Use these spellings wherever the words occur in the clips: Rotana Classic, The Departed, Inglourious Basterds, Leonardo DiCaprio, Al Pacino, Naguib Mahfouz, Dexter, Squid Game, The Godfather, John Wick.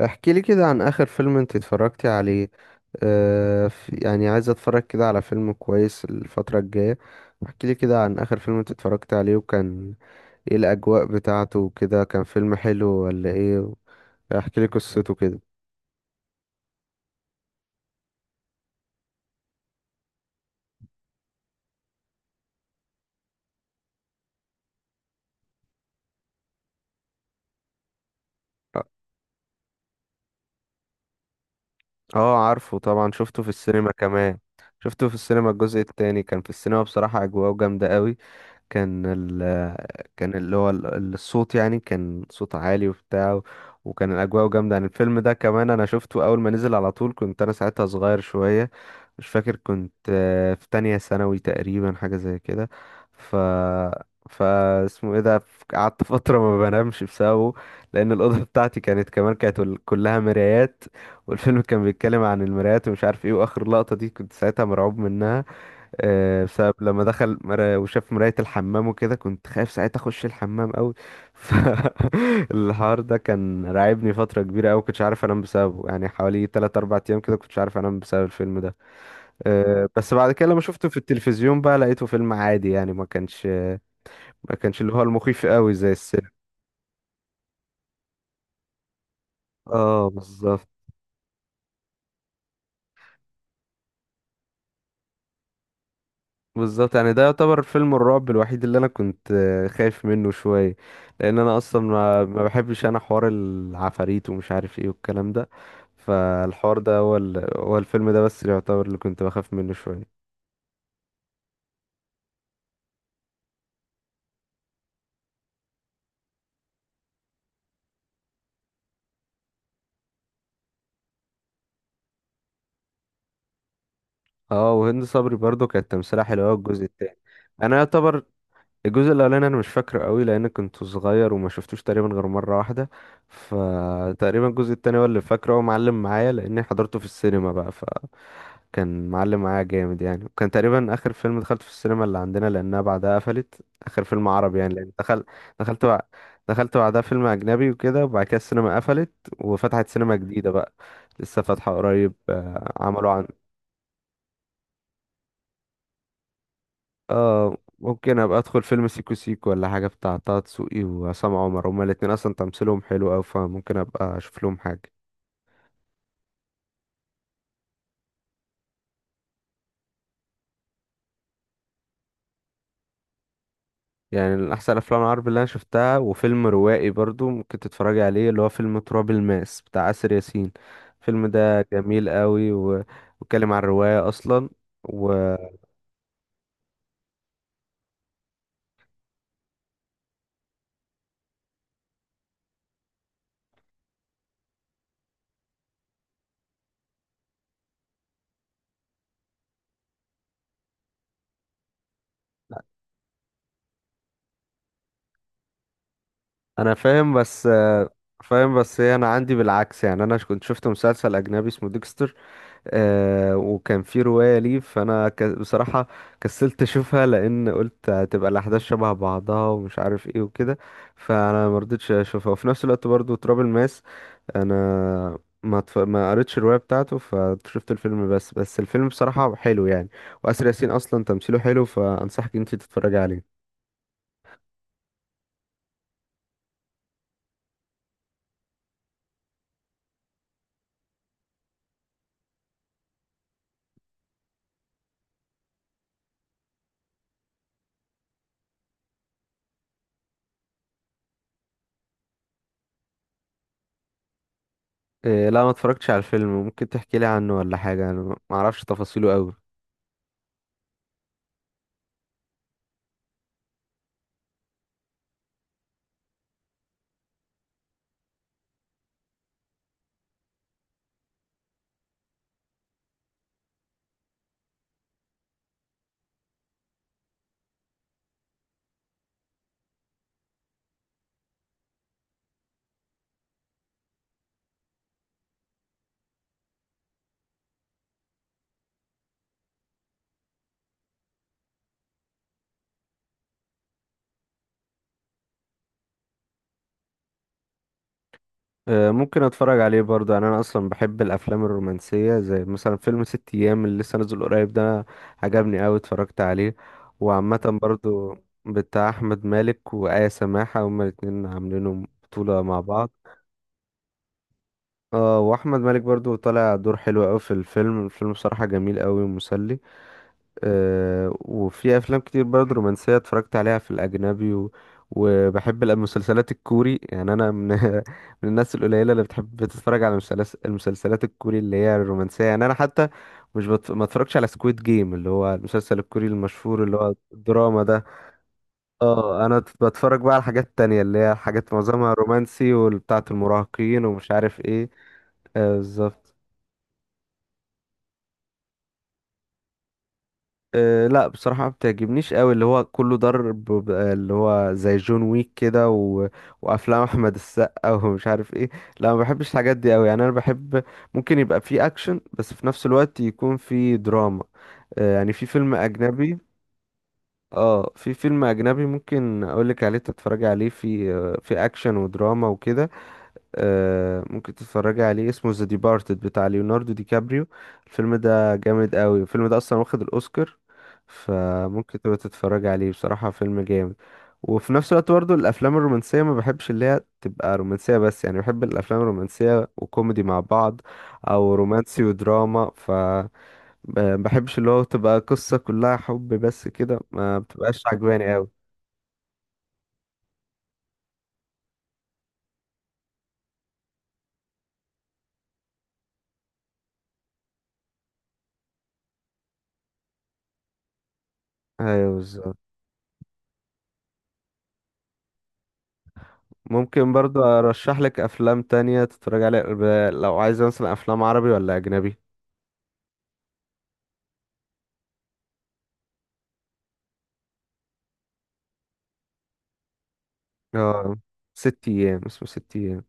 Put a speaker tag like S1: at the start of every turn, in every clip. S1: احكي لي كده عن اخر فيلم انت اتفرجتي عليه. يعني عايز اتفرج كده على فيلم كويس الفترة الجاية. احكي لي كده عن اخر فيلم انت اتفرجت عليه، وكان ايه الاجواء بتاعته وكده، كان فيلم حلو ولا ايه؟ احكي لي قصته كده. اه عارفه طبعا، شفته في السينما كمان. شفته في السينما، الجزء التاني كان في السينما، بصراحة اجواءه جامدة قوي. كان ال كان اللي هو الصوت، يعني كان صوت عالي وبتاع، وكان الأجواء جامدة. يعني الفيلم ده كمان أنا شفته أول ما نزل على طول، كنت أنا ساعتها صغير شوية، مش فاكر، كنت في تانية ثانوي تقريبا، حاجة زي كده. ف فا اسمه ايه ده، قعدت فترة ما بنامش بسببه، لأن الأوضة بتاعتي كانت كمان، كانت كلها مرايات، والفيلم كان بيتكلم عن المرايات ومش عارف ايه، وآخر لقطة دي كنت ساعتها مرعوب منها، بسبب لما دخل وشاف مراية الحمام وكده، كنت خايف ساعتها اخش الحمام قوي فالحوار ده كان راعبني فترة كبيرة قوي، كنتش عارف انام بسببه، يعني حوالي 3 4 ايام كده كنتش عارف انام بسبب الفيلم ده. بس بعد كده لما شفته في التلفزيون بقى لقيته فيلم عادي، يعني ما كانش اللي هو المخيف قوي زي السينما. اه بالظبط. بالظبط، يعني ده يعتبر فيلم الرعب الوحيد اللي انا كنت خايف منه شويه، لان انا اصلا ما بحبش انا حوار العفاريت ومش عارف ايه والكلام ده. فالحوار ده هو هو الفيلم ده بس اللي يعتبر اللي كنت بخاف منه شويه. اه وهند صبري برضو كانت تمثيلها حلو أوي الجزء التاني. انا يعتبر الجزء الاولاني انا مش فاكره قوي، لان كنت صغير وما شفتوش تقريبا غير مره واحده. فتقريبا الجزء التاني هو اللي فاكره، هو معلم معايا لاني حضرته في السينما بقى، فكان معلم معايا جامد يعني، وكان تقريبا اخر فيلم دخلته في السينما اللي عندنا، لانها بعدها قفلت. اخر فيلم عربي يعني، لان دخل دخلت بع... دخلت بعدها فيلم اجنبي وكده، وبعد كده السينما قفلت. وفتحت سينما جديده بقى، لسه فاتحه قريب، عملوا عن. اه ممكن ابقى ادخل فيلم سيكو سيكو ولا حاجه بتاع طه دسوقي وعصام عمر، هما الاتنين اصلا تمثيلهم حلو اوي، فممكن ابقى اشوف لهم حاجه. يعني من احسن الافلام العربي اللي انا شفتها وفيلم روائي برضو ممكن تتفرجي عليه، اللي هو فيلم تراب الماس بتاع آسر ياسين. الفيلم ده جميل قوي واتكلم عن الروايه اصلا. وانا فاهم بس. فاهم، بس هي انا عندي بالعكس. يعني انا كنت شفت مسلسل اجنبي اسمه ديكستر، آه وكان في رواية ليه، بصراحة كسلت أشوفها، لأن قلت هتبقى الأحداث شبه بعضها ومش عارف إيه وكده، فأنا مرضتش أشوفها. وفي نفس الوقت برضو تراب الماس أنا ما قريتش الرواية بتاعته، فشفت الفيلم، بس الفيلم بصراحة حلو يعني، وآسر ياسين أصلا تمثيله حلو، فأنصحك أنت تتفرجي عليه. آه لا، ما اتفرجتش على الفيلم، ممكن تحكي لي عنه ولا حاجة، أنا ما أعرفش تفاصيله أوي. ممكن اتفرج عليه برضه. يعني انا اصلا بحب الافلام الرومانسيه، زي مثلا فيلم ست ايام اللي لسه نازل قريب ده، عجبني أوي اتفرجت عليه. وعامه برضه. بتاع احمد مالك وآية سماحه، هما الاتنين عاملينهم بطوله مع بعض. اه واحمد مالك برضه طالع دور حلو أوي في الفيلم، الفيلم بصراحه جميل أوي ومسلي. وفي افلام كتير برضه رومانسيه اتفرجت عليها في الاجنبي وبحب المسلسلات الكوري. يعني انا من من الناس القليله اللي بتحب تتفرج على المسلسلات الكوري اللي هي الرومانسيه. يعني انا حتى مش بت... ما اتفرجش على سكويد جيم اللي هو المسلسل الكوري المشهور اللي هو الدراما ده. اه انا بتفرج بقى على حاجات تانية اللي هي حاجات معظمها رومانسي وبتاعه المراهقين ومش عارف ايه. بالظبط. أه لا بصراحة ما بتعجبنيش قوي اللي هو كله ضرب، اللي هو زي جون ويك كده وافلام احمد السقا ومش عارف ايه. لا ما بحبش الحاجات دي قوي، يعني انا بحب ممكن يبقى فيه اكشن بس في نفس الوقت يكون فيه دراما. أه يعني في فيلم اجنبي. اه في فيلم اجنبي ممكن اقولك عليه تتفرجي عليه، في في اكشن ودراما وكده، ممكن تتفرجي عليه، اسمه ذا ديبارتد بتاع ليوناردو دي كابريو. الفيلم ده جامد قوي، الفيلم ده اصلا واخد الاوسكار، فممكن تبقى تتفرجي عليه، بصراحة فيلم جامد. وفي نفس الوقت برضه الافلام الرومانسيه ما بحبش اللي هي تبقى رومانسيه بس. يعني بحب الافلام الرومانسيه وكوميدي مع بعض، او رومانسي ودراما. ف بحبش اللي هو تبقى قصه كلها حب بس كده، ما بتبقاش عجباني قوي. ايوه. ممكن برضو ارشح لك افلام تانية تتفرج عليها، لو عايزة مثلا افلام عربي ولا اجنبي. اه ست ايام، اسمه ست ايام.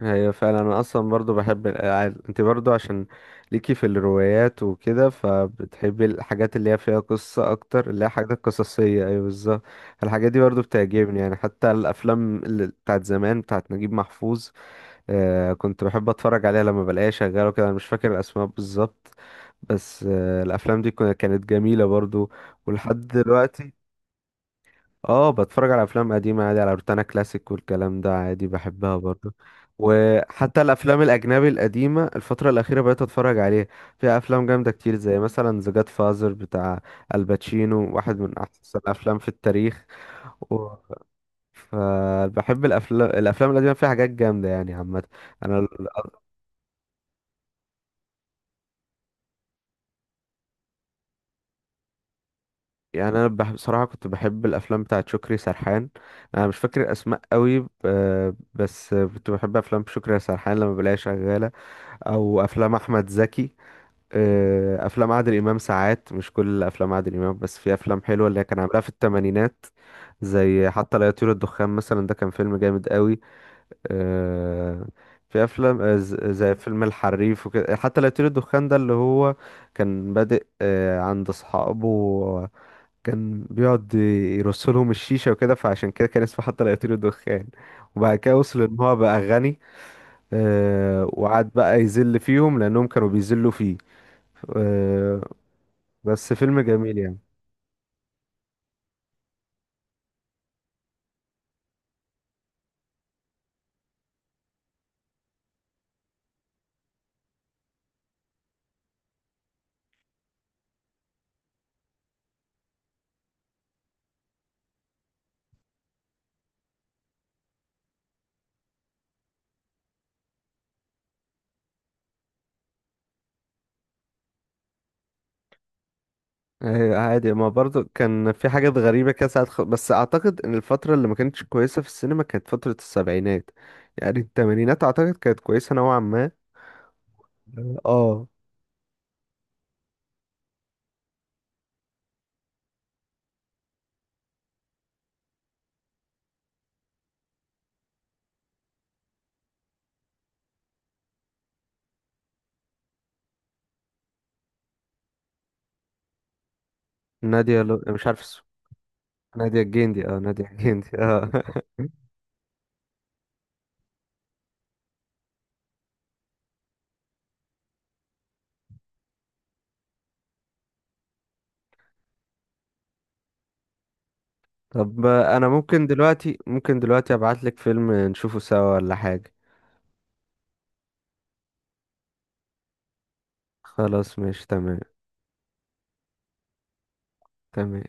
S1: هي فعلا انا اصلا برضو بحب الالعاب انت برضو، عشان ليكي في الروايات وكده، فبتحبي الحاجات اللي هي فيها قصة اكتر، اللي هي حاجات قصصية، ايوه بالظبط. الحاجات دي برضو بتعجبني، يعني حتى الافلام اللي بتاعت زمان بتاعت نجيب محفوظ، آه كنت بحب اتفرج عليها لما بلاقيها شغاله كده. انا مش فاكر الاسماء بالظبط، بس آه الافلام دي كانت جميله برضو. ولحد دلوقتي اه بتفرج على افلام قديمه عادي على روتانا كلاسيك والكلام ده عادي، بحبها برضو. وحتى الافلام الاجنبي القديمه الفتره الاخيره بقيت اتفرج عليها، فيها افلام جامده كتير زي مثلا ذا جاد فازر بتاع الباتشينو، واحد من احسن الافلام في التاريخ. و... فبحب الافلام القديمه، فيها حاجات جامده يعني عامه. انا بصراحه كنت بحب الافلام بتاعه شكري سرحان، انا مش فاكر الاسماء قوي، بس كنت بحب افلام شكري سرحان لما بلاقيها شغاله، او افلام احمد زكي، افلام عادل امام ساعات، مش كل افلام عادل امام بس في افلام حلوه اللي كان عاملها في الثمانينات، زي حتى لا يطير الدخان مثلا ده كان فيلم جامد قوي. آه، في افلام زي فيلم الحريف وكده. حتى لا يطير الدخان ده اللي هو كان بادئ عند اصحابه، كان بيقعد يرسلهم الشيشة وكده، فعشان كده كان اسمه حتى لا يطير الدخان. وبعد كده وصل ان هو بقى غني، وقعد بقى يذل فيهم لانهم كانوا بيذلوا فيه. آه، بس فيلم جميل يعني. عادي، ما برضو كان في حاجات غريبة كده ساعات بس اعتقد ان الفترة اللي ما كانتش كويسة في السينما كانت فترة السبعينات، يعني التمانينات اعتقد كانت كويسة نوعا ما. اه مش عارف اسمه، نادية الجندي، اه نادية الجندي اه طب انا ممكن دلوقتي ابعت لك فيلم نشوفه سوا ولا حاجة. خلاص ماشي تمام. تمام.